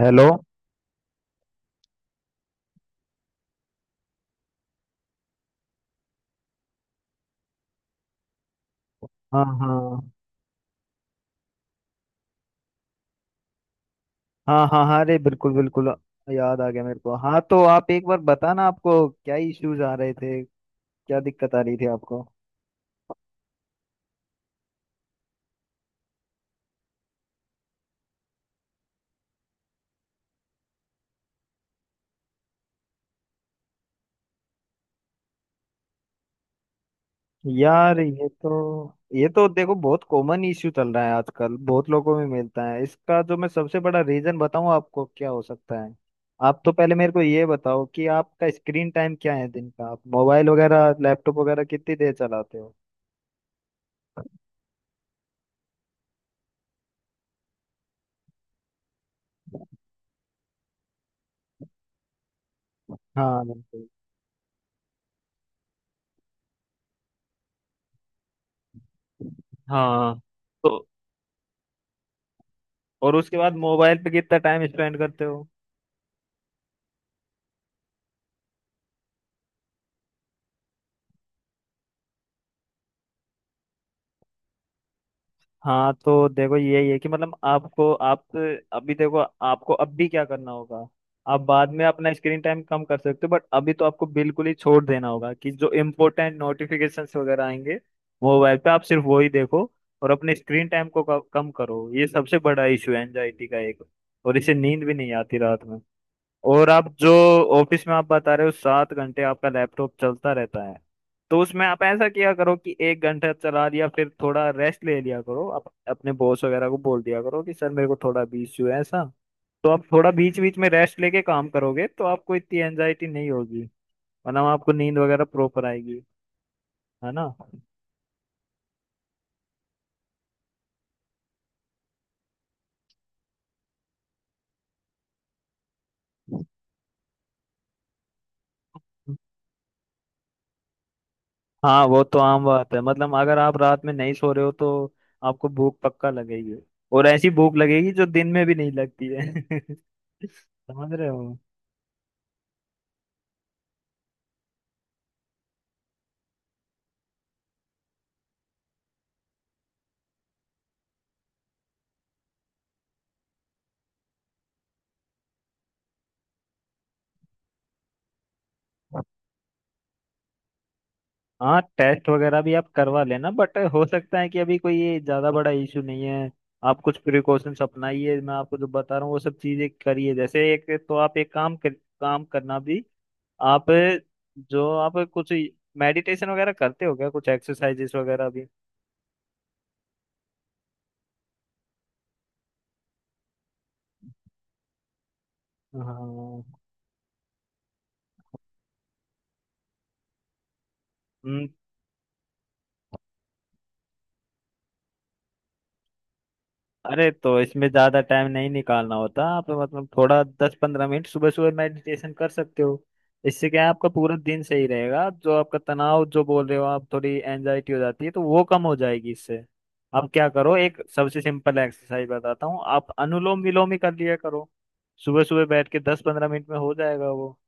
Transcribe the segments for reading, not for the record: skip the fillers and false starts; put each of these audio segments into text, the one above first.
Hello. हाँ हाँ हाँ हाँ हाँ, अरे बिल्कुल बिल्कुल, याद आ गया मेरे को। हाँ तो आप एक बार बताना आपको क्या इश्यूज आ रहे थे, क्या दिक्कत आ रही थी आपको। यार ये तो देखो बहुत कॉमन इश्यू चल रहा है आजकल, बहुत लोगों में मिलता है इसका। जो मैं सबसे बड़ा रीजन बताऊं आपको क्या हो सकता है, आप तो पहले मेरे को ये बताओ कि आपका स्क्रीन टाइम क्या है दिन का, आप मोबाइल वगैरह लैपटॉप वगैरह कितनी देर चलाते हो। हाँ बिल्कुल। हाँ तो और उसके बाद मोबाइल पे कितना टाइम स्पेंड करते हो। हाँ तो देखो यही है कि मतलब आपको आप अभी देखो, आपको अब भी क्या करना होगा। आप बाद में अपना स्क्रीन टाइम कम कर सकते हो, बट अभी तो आपको बिल्कुल ही छोड़ देना होगा कि जो इम्पोर्टेंट नोटिफिकेशंस वगैरह आएंगे मोबाइल पे, आप सिर्फ वो ही देखो। और अपने स्क्रीन टाइम को कम करो, ये सबसे बड़ा इशू है एंजाइटी का एक। और इससे नींद भी नहीं आती रात में। और आप जो ऑफिस में आप बता रहे हो 7 घंटे आपका लैपटॉप चलता रहता है, तो उसमें आप ऐसा किया करो कि 1 घंटा चला दिया फिर थोड़ा रेस्ट ले लिया करो, आप अपने बॉस वगैरह को बोल दिया करो कि सर मेरे को थोड़ा भी इश्यू है ऐसा, तो आप थोड़ा बीच बीच में रेस्ट लेके काम करोगे तो आपको इतनी एंजाइटी नहीं होगी, वरना आपको नींद वगैरह प्रॉपर आएगी, है ना। हाँ वो तो आम बात है, मतलब अगर आप रात में नहीं सो रहे हो तो आपको भूख पक्का लगेगी, और ऐसी भूख लगेगी जो दिन में भी नहीं लगती है समझ रहे हो। हाँ टेस्ट वगैरह भी आप करवा लेना, बट हो सकता है कि अभी कोई ये ज्यादा बड़ा इशू नहीं है। आप कुछ प्रिकॉशंस अपनाइए, मैं आपको जो बता रहा हूँ वो सब चीजें करिए। जैसे एक तो आप काम करना भी, आप आप कुछ मेडिटेशन वगैरह करते हो क्या, कुछ एक्सरसाइजेस वगैरह भी। हाँ अरे तो इसमें ज्यादा टाइम नहीं निकालना होता, आप मतलब थोड़ा 10-15 मिनट सुबह सुबह मेडिटेशन कर सकते हो। इससे क्या है आपका पूरा दिन सही रहेगा, जो आपका तनाव जो बोल रहे हो, आप थोड़ी एंजाइटी हो जाती है तो वो कम हो जाएगी इससे। आप क्या करो एक सबसे सिंपल एक्सरसाइज बताता हूँ, आप अनुलोम विलोम ही कर लिया करो, सुबह सुबह बैठ के 10-15 मिनट में हो जाएगा वो।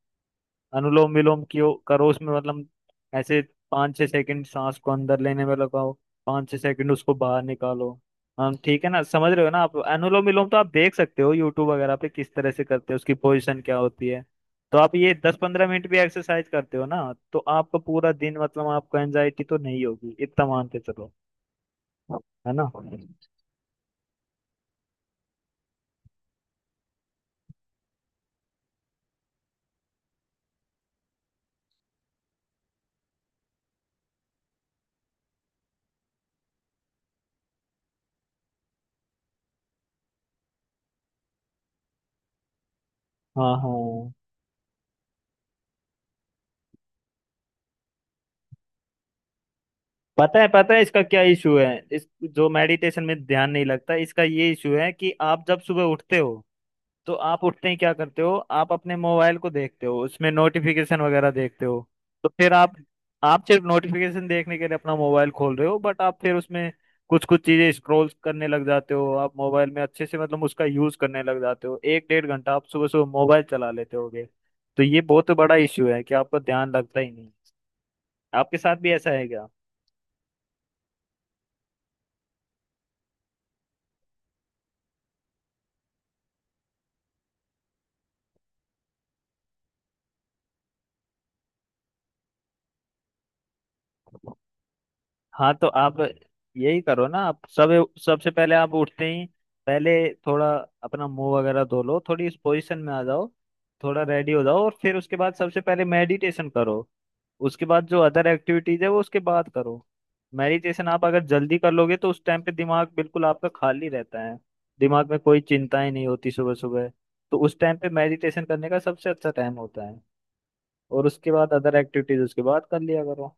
अनुलोम विलोम क्यों करो, उसमें मतलब ऐसे 5-6 सेकंड सांस को अंदर लेने में लगाओ, 5-6 सेकंड उसको बाहर निकालो। हम ठीक है ना, समझ रहे हो ना आप। अनुलोम विलोम तो आप देख सकते हो यूट्यूब वगैरह पे किस तरह से करते हैं, उसकी पोजीशन क्या होती है। तो आप ये 10-15 मिनट भी एक्सरसाइज करते हो ना, तो आपका पूरा दिन मतलब आपको एंजाइटी तो नहीं होगी, इतना मानते चलो, है ना। हाँ हाँ, पता है इसका क्या इशू है। इस जो मेडिटेशन में ध्यान नहीं लगता इसका ये इशू है कि आप जब सुबह उठते हो तो आप उठते ही क्या करते हो, आप अपने मोबाइल को देखते हो, उसमें नोटिफिकेशन वगैरह देखते हो। तो फिर आप सिर्फ नोटिफिकेशन देखने के लिए अपना मोबाइल खोल रहे हो, बट आप फिर उसमें कुछ कुछ चीजें स्क्रॉल करने लग जाते हो, आप मोबाइल में अच्छे से मतलब उसका यूज करने लग जाते हो। 1 से डेढ़ घंटा आप सुबह सुबह मोबाइल चला लेते होगे, तो ये बहुत बड़ा इश्यू है कि आपका ध्यान लगता ही नहीं। आपके साथ भी ऐसा है क्या। हाँ तो आप यही करो ना, आप सब सबसे पहले आप उठते ही पहले थोड़ा अपना मुंह वगैरह धो लो, थोड़ी इस पोजीशन में आ जाओ, थोड़ा रेडी हो जाओ और फिर उसके बाद सबसे पहले मेडिटेशन करो। उसके बाद जो अदर एक्टिविटीज है वो उसके बाद करो। मेडिटेशन आप अगर जल्दी कर लोगे तो उस टाइम पे दिमाग बिल्कुल आपका खाली रहता है, दिमाग में कोई चिंताएं नहीं होती सुबह सुबह। तो उस टाइम पे मेडिटेशन करने का सबसे अच्छा टाइम होता है, और उसके बाद अदर एक्टिविटीज उसके बाद कर लिया करो।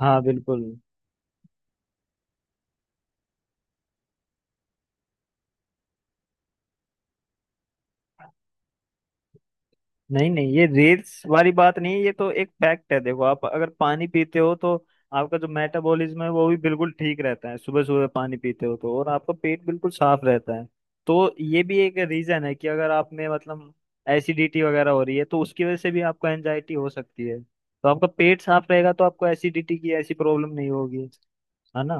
हाँ बिल्कुल। नहीं नहीं ये रील्स वाली बात नहीं है, ये तो एक फैक्ट है। देखो आप अगर पानी पीते हो तो आपका जो मेटाबॉलिज्म है वो भी बिल्कुल ठीक रहता है, सुबह सुबह पानी पीते हो तो, और आपका पेट बिल्कुल साफ रहता है। तो ये भी एक रीजन है कि अगर आप में मतलब एसिडिटी वगैरह हो रही है तो उसकी वजह से भी आपको एंजाइटी हो सकती है, तो आपका पेट साफ रहेगा तो आपको एसिडिटी की ऐसी प्रॉब्लम नहीं होगी, है ना।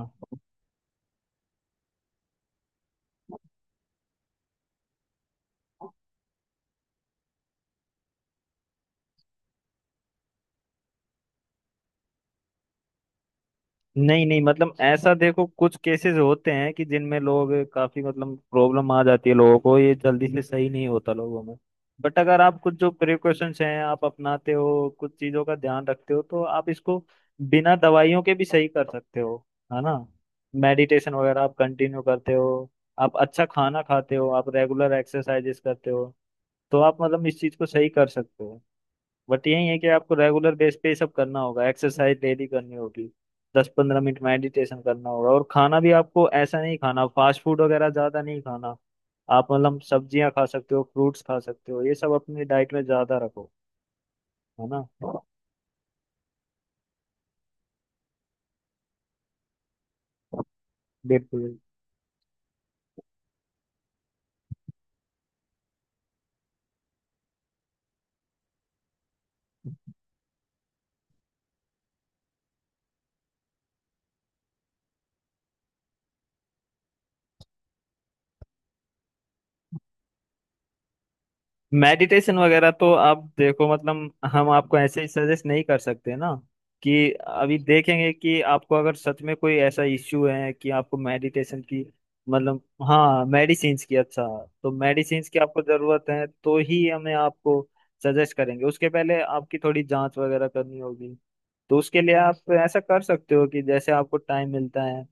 नहीं नहीं, मतलब ऐसा देखो, कुछ केसेस होते हैं कि जिनमें लोग काफी मतलब प्रॉब्लम आ जाती है, लोगों को ये जल्दी से सही नहीं होता लोगों में। बट अगर आप कुछ जो प्रिकॉशंस हैं आप अपनाते हो, कुछ चीजों का ध्यान रखते हो, तो आप इसको बिना दवाइयों के भी सही कर सकते हो, है ना। मेडिटेशन वगैरह आप कंटिन्यू करते हो, आप अच्छा खाना खाते हो, आप रेगुलर एक्सरसाइजेस करते हो, तो आप मतलब इस चीज को सही कर सकते हो। बट यही है कि आपको रेगुलर बेस पे ये सब करना होगा, एक्सरसाइज डेली करनी होगी, 10-15 मिनट मेडिटेशन करना होगा, और खाना भी आपको ऐसा नहीं खाना, फास्ट फूड वगैरह ज्यादा नहीं खाना, आप मतलब सब्जियां खा सकते हो, फ्रूट्स खा सकते हो, ये सब अपनी डाइट में ज्यादा रखो, है ना। बिल्कुल। मेडिटेशन वगैरह तो आप देखो, मतलब हम आपको ऐसे ही सजेस्ट नहीं कर सकते ना कि अभी देखेंगे कि आपको अगर सच में कोई ऐसा इश्यू है कि आपको मेडिटेशन की मतलब, हाँ मेडिसिन्स की, अच्छा, तो मेडिसिन्स की आपको ज़रूरत है तो ही हमें आपको सजेस्ट करेंगे, उसके पहले आपकी थोड़ी जांच वगैरह करनी होगी। तो उसके लिए आप ऐसा कर सकते हो कि जैसे आपको टाइम मिलता है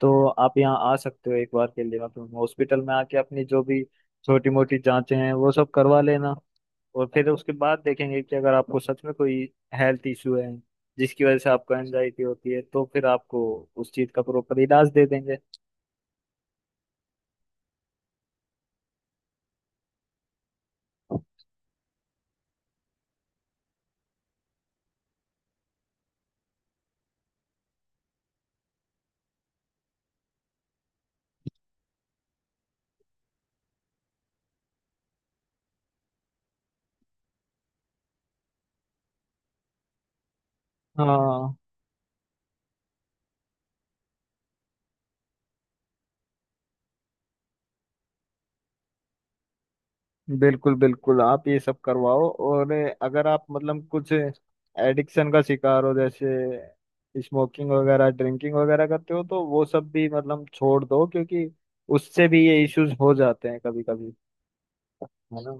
तो आप यहाँ आ सकते हो एक बार के लिए, मतलब हॉस्पिटल में आके अपनी जो भी छोटी मोटी जांचें हैं वो सब करवा लेना। और फिर उसके बाद देखेंगे कि अगर आपको सच में कोई हेल्थ इशू है जिसकी वजह से आपको एंजाइटी होती है तो फिर आपको उस चीज़ का प्रॉपर इलाज दे देंगे। हाँ बिल्कुल बिल्कुल, आप ये सब करवाओ। और अगर आप मतलब कुछ एडिक्शन का शिकार हो जैसे स्मोकिंग वगैरह ड्रिंकिंग वगैरह करते हो तो वो सब भी मतलब छोड़ दो, क्योंकि उससे भी ये इश्यूज हो जाते हैं कभी कभी, है ना।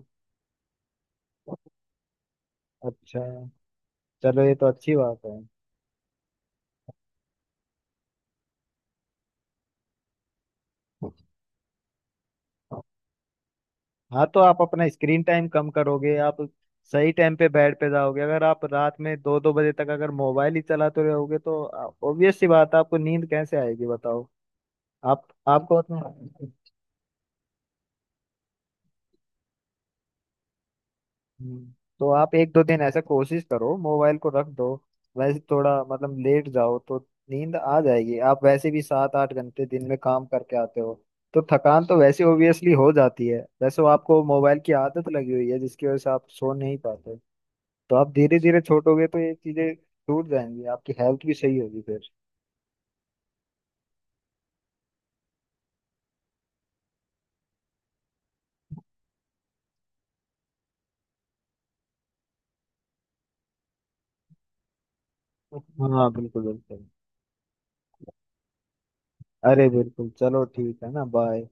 अच्छा, चलो ये तो अच्छी बात है। हाँ तो आप अपना स्क्रीन टाइम कम करोगे, आप सही टाइम पे बेड पे जाओगे, अगर आप रात में दो दो बजे तक अगर मोबाइल ही चलाते रहोगे तो ऑब्वियस सी बात है आपको नींद कैसे आएगी बताओ। आप आपको मतलब हम्म, तो आप 1-2 दिन ऐसा कोशिश करो मोबाइल को रख दो, वैसे थोड़ा मतलब लेट जाओ तो नींद आ जाएगी। आप वैसे भी 7-8 घंटे दिन में काम करके आते हो तो थकान तो वैसे ओबियसली हो जाती है, वैसे वो आपको मोबाइल की आदत लगी हुई है जिसकी वजह से आप सो नहीं पाते, तो आप धीरे धीरे छोड़ोगे तो ये चीजें छूट जाएंगी, आपकी हेल्थ भी सही होगी फिर। हाँ बिल्कुल बिल्कुल, अरे बिल्कुल, चलो ठीक है ना, बाय।